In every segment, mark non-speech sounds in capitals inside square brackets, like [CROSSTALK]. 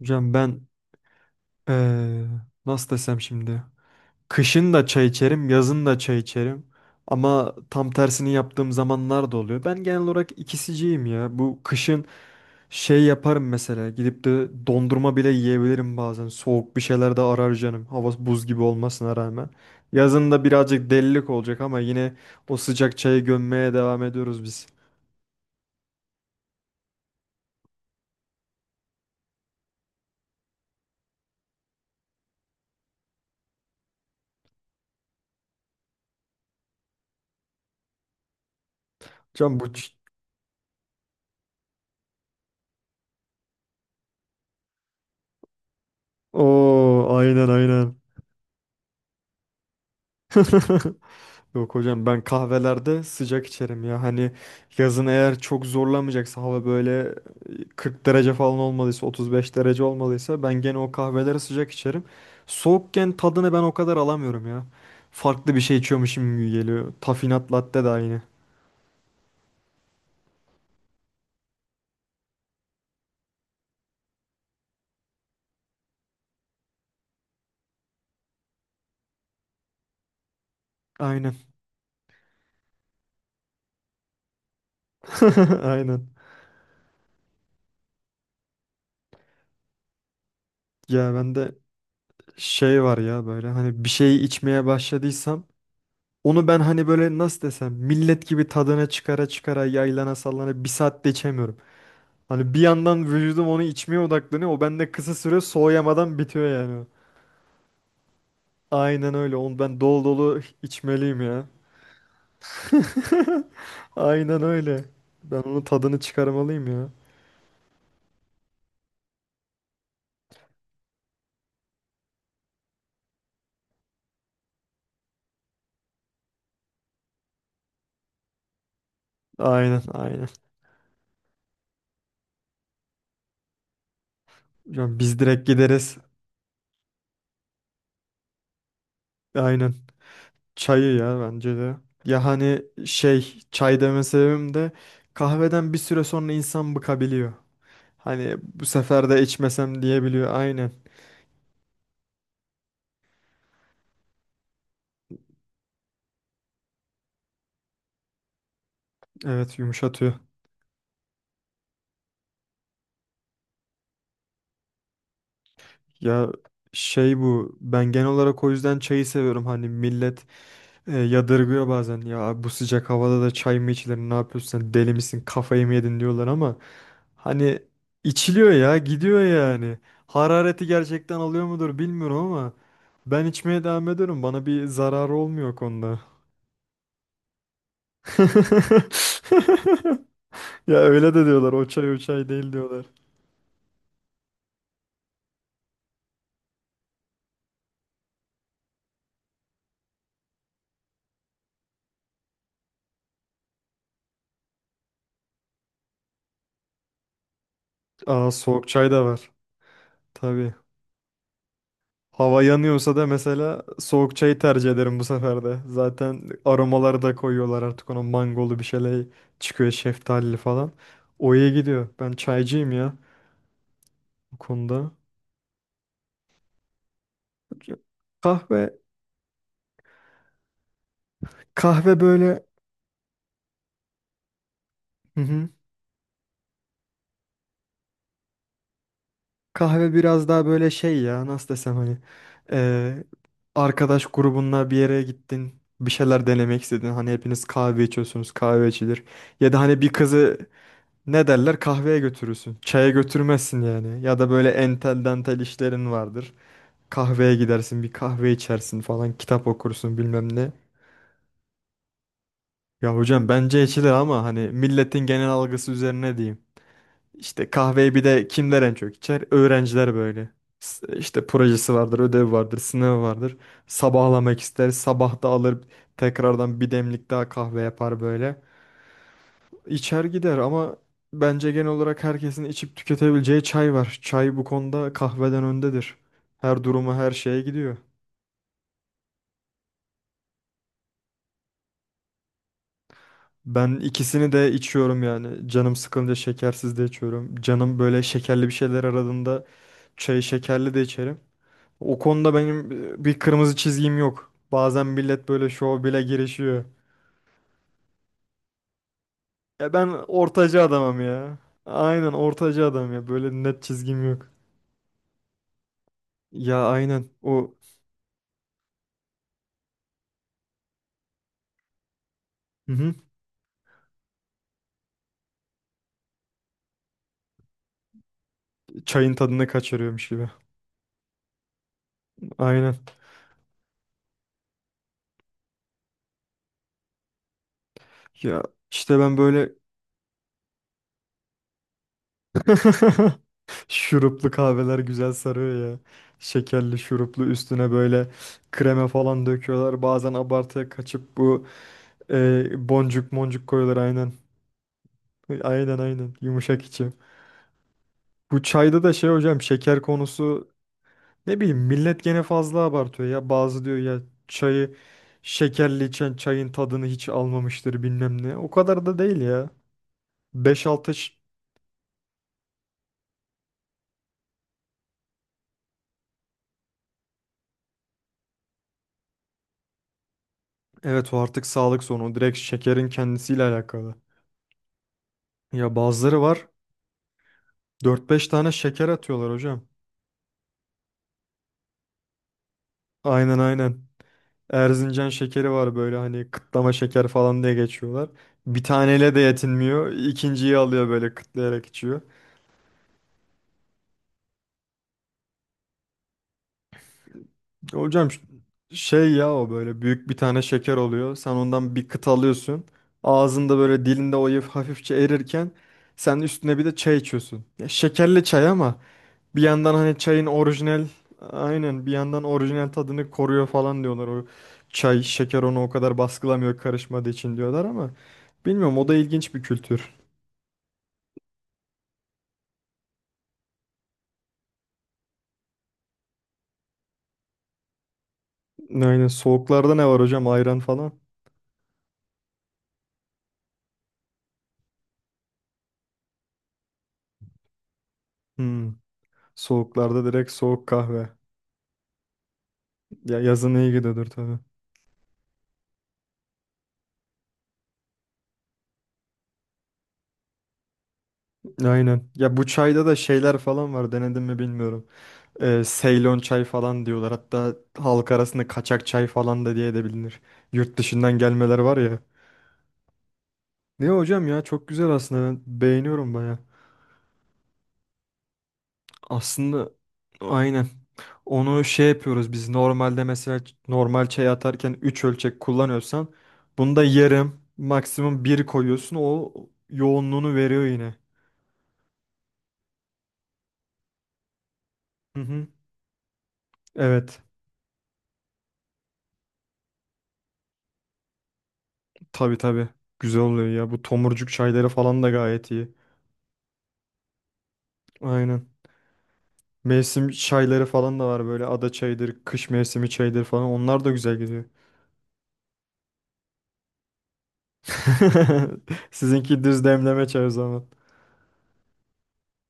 Hocam ben eee, nasıl desem şimdi. Kışın da çay içerim, yazın da çay içerim. Ama tam tersini yaptığım zamanlar da oluyor. Ben genel olarak ikisiciyim ya. Bu kışın şey yaparım mesela. Gidip de dondurma bile yiyebilirim bazen. Soğuk bir şeyler de arar canım. Hava buz gibi olmasına rağmen. Yazın da birazcık delilik olacak ama yine o sıcak çayı gömmeye devam ediyoruz biz. Hocam bu... ç- Oo, aynen aynen. [LAUGHS] Yok hocam ben kahvelerde sıcak içerim ya. Hani yazın eğer çok zorlamayacaksa hava böyle 40 derece falan olmalıysa 35 derece olmalıysa ben gene o kahveleri sıcak içerim. Soğukken tadını ben o kadar alamıyorum ya. Farklı bir şey içiyormuşum gibi geliyor. Tafinat latte de aynı. Aynen. [LAUGHS] Aynen. Ya bende şey var ya böyle hani bir şey içmeye başladıysam onu ben hani böyle nasıl desem millet gibi tadına çıkara çıkara yaylana sallana bir saatte içemiyorum. Hani bir yandan vücudum onu içmeye odaklanıyor. O bende kısa süre soğuyamadan bitiyor yani. Aynen öyle. Onu ben dolu dolu içmeliyim ya. Aynen öyle. Ben onun tadını çıkarmalıyım ya. Aynen aynen. Ya biz direkt gideriz. Aynen. Çayı ya bence de. Ya hani şey çay deme sebebim de kahveden bir süre sonra insan bıkabiliyor. Hani bu sefer de içmesem diyebiliyor. Aynen. Evet yumuşatıyor. Ya şey bu ben genel olarak o yüzden çayı seviyorum hani millet yadırgıyor bazen ya abi bu sıcak havada da çay mı içilir ne yapıyorsun sen deli misin kafayı mı yedin diyorlar ama hani içiliyor ya gidiyor yani harareti gerçekten alıyor mudur bilmiyorum ama ben içmeye devam ediyorum bana bir zararı olmuyor o konuda. [LAUGHS] Ya öyle de diyorlar o çay o çay değil diyorlar. Aa soğuk çay da var tabii. Hava yanıyorsa da mesela soğuk çayı tercih ederim bu sefer de. Zaten aromaları da koyuyorlar artık ona mangolu bir şeyler çıkıyor şeftalili falan. O iyi gidiyor. Ben çaycıyım ya bu konuda. Kahve kahve böyle. Hı hı. Kahve biraz daha böyle şey ya nasıl desem hani eee, arkadaş grubunla bir yere gittin bir şeyler denemek istedin. Hani hepiniz kahve içiyorsunuz kahve içilir. Ya da hani bir kızı ne derler kahveye götürürsün. Çaya götürmezsin yani. Ya da böyle entel dantel işlerin vardır. Kahveye gidersin bir kahve içersin falan kitap okursun bilmem ne. Ya hocam bence içilir ama hani milletin genel algısı üzerine diyeyim. İşte kahveyi bir de kimler en çok içer? Öğrenciler böyle. İşte projesi vardır, ödev vardır, sınav vardır. Sabahlamak ister, sabah da alır tekrardan bir demlik daha kahve yapar böyle. İçer gider ama bence genel olarak herkesin içip tüketebileceği çay var. Çay bu konuda kahveden öndedir. Her duruma her şeye gidiyor. Ben ikisini de içiyorum yani. Canım sıkılınca şekersiz de içiyorum. Canım böyle şekerli bir şeyler aradığında çayı şekerli de içerim. O konuda benim bir kırmızı çizgim yok. Bazen millet böyle şov bile girişiyor. Ya ben ortacı adamım ya. Aynen ortacı adam ya. Böyle net çizgim yok. Ya aynen o. Hı hı. Çayın tadını kaçırıyormuş gibi. Aynen. Ya işte ben böyle. [LAUGHS] Şuruplu kahveler güzel sarıyor ya. Şekerli şuruplu üstüne böyle krema falan döküyorlar. Bazen abartıya kaçıp bu boncuk moncuk koyuyorlar aynen. Aynen aynen yumuşak içi. Bu çayda da şey hocam şeker konusu ne bileyim millet gene fazla abartıyor ya. Bazı diyor ya çayı şekerli içen çayın tadını hiç almamıştır bilmem ne. O kadar da değil ya. Beş altı. Evet o artık sağlık sorunu. Direkt şekerin kendisiyle alakalı. Ya bazıları var dört beş tane şeker atıyorlar hocam. Aynen aynen. Erzincan şekeri var böyle hani kıtlama şeker falan diye geçiyorlar. Bir taneyle de yetinmiyor. İkinciyi alıyor böyle kıtlayarak içiyor. Hocam ş- Şey ya o böyle büyük bir tane şeker oluyor. Sen ondan bir kıt alıyorsun. Ağzında böyle dilinde o hafifçe erirken sen üstüne bir de çay içiyorsun. Ya şekerli çay ama bir yandan hani çayın orijinal aynen bir yandan orijinal tadını koruyor falan diyorlar. O çay şeker onu o kadar baskılamıyor karışmadığı için diyorlar ama bilmiyorum o da ilginç bir kültür. Aynen soğuklarda ne var hocam ayran falan? Hmm. Soğuklarda direkt soğuk kahve. Ya yazın iyi gidiyordur tabii. Aynen. Ya bu çayda da şeyler falan var denedim mi bilmiyorum. Seylon çay falan diyorlar. Hatta halk arasında kaçak çay falan da diye de bilinir. Yurt dışından gelmeler var ya. Ne hocam ya çok güzel aslında ben beğeniyorum baya. Aslında aynen. Onu şey yapıyoruz biz normalde mesela normal çay atarken 3 ölçek kullanıyorsan bunda yarım maksimum bir koyuyorsun o yoğunluğunu veriyor yine. Hı hı. Evet. Tabii tabii. Güzel oluyor ya. Bu tomurcuk çayları falan da gayet iyi. Aynen. Mevsim çayları falan da var böyle ada çayıdır, kış mevsimi çayıdır falan. Onlar da güzel gidiyor. [LAUGHS] Sizinki düz demleme çay o zaman.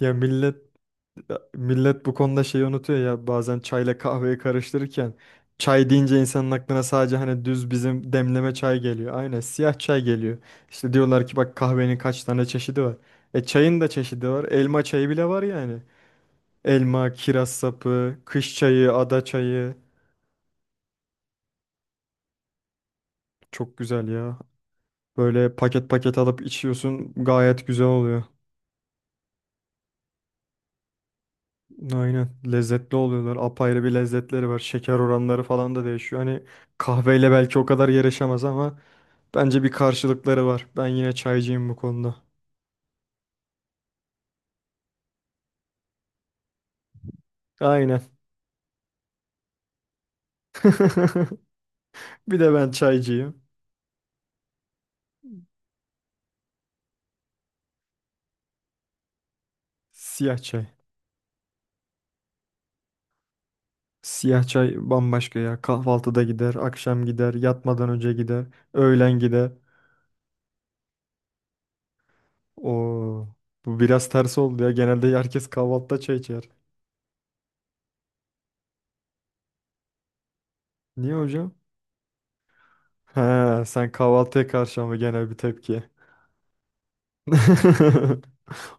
Ya millet bu konuda şeyi unutuyor ya bazen çayla kahveyi karıştırırken çay deyince insanın aklına sadece hani düz bizim demleme çay geliyor. Aynen siyah çay geliyor. İşte diyorlar ki bak kahvenin kaç tane çeşidi var. E çayın da çeşidi var. Elma çayı bile var yani. Elma, kiraz sapı, kış çayı, ada çayı. Çok güzel ya. Böyle paket paket alıp içiyorsun gayet güzel oluyor. Aynen. Lezzetli oluyorlar. Apayrı bir lezzetleri var. Şeker oranları falan da değişiyor. Hani kahveyle belki o kadar yarışamaz ama bence bir karşılıkları var. Ben yine çaycıyım bu konuda. Aynen. [LAUGHS] Bir de ben çaycıyım. Siyah çay. Siyah çay bambaşka ya. Kahvaltıda gider, akşam gider, yatmadan önce gider, öğlen gider. Oo, bu biraz ters oldu ya. Genelde herkes kahvaltıda çay içer. Niye hocam? He, sen kahvaltıya karşı ama genel bir tepki. [LAUGHS]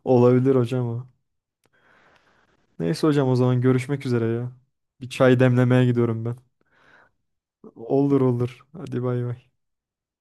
Olabilir hocam o. Neyse hocam o zaman görüşmek üzere ya. Bir çay demlemeye gidiyorum ben. Olur olur. Hadi bay bay.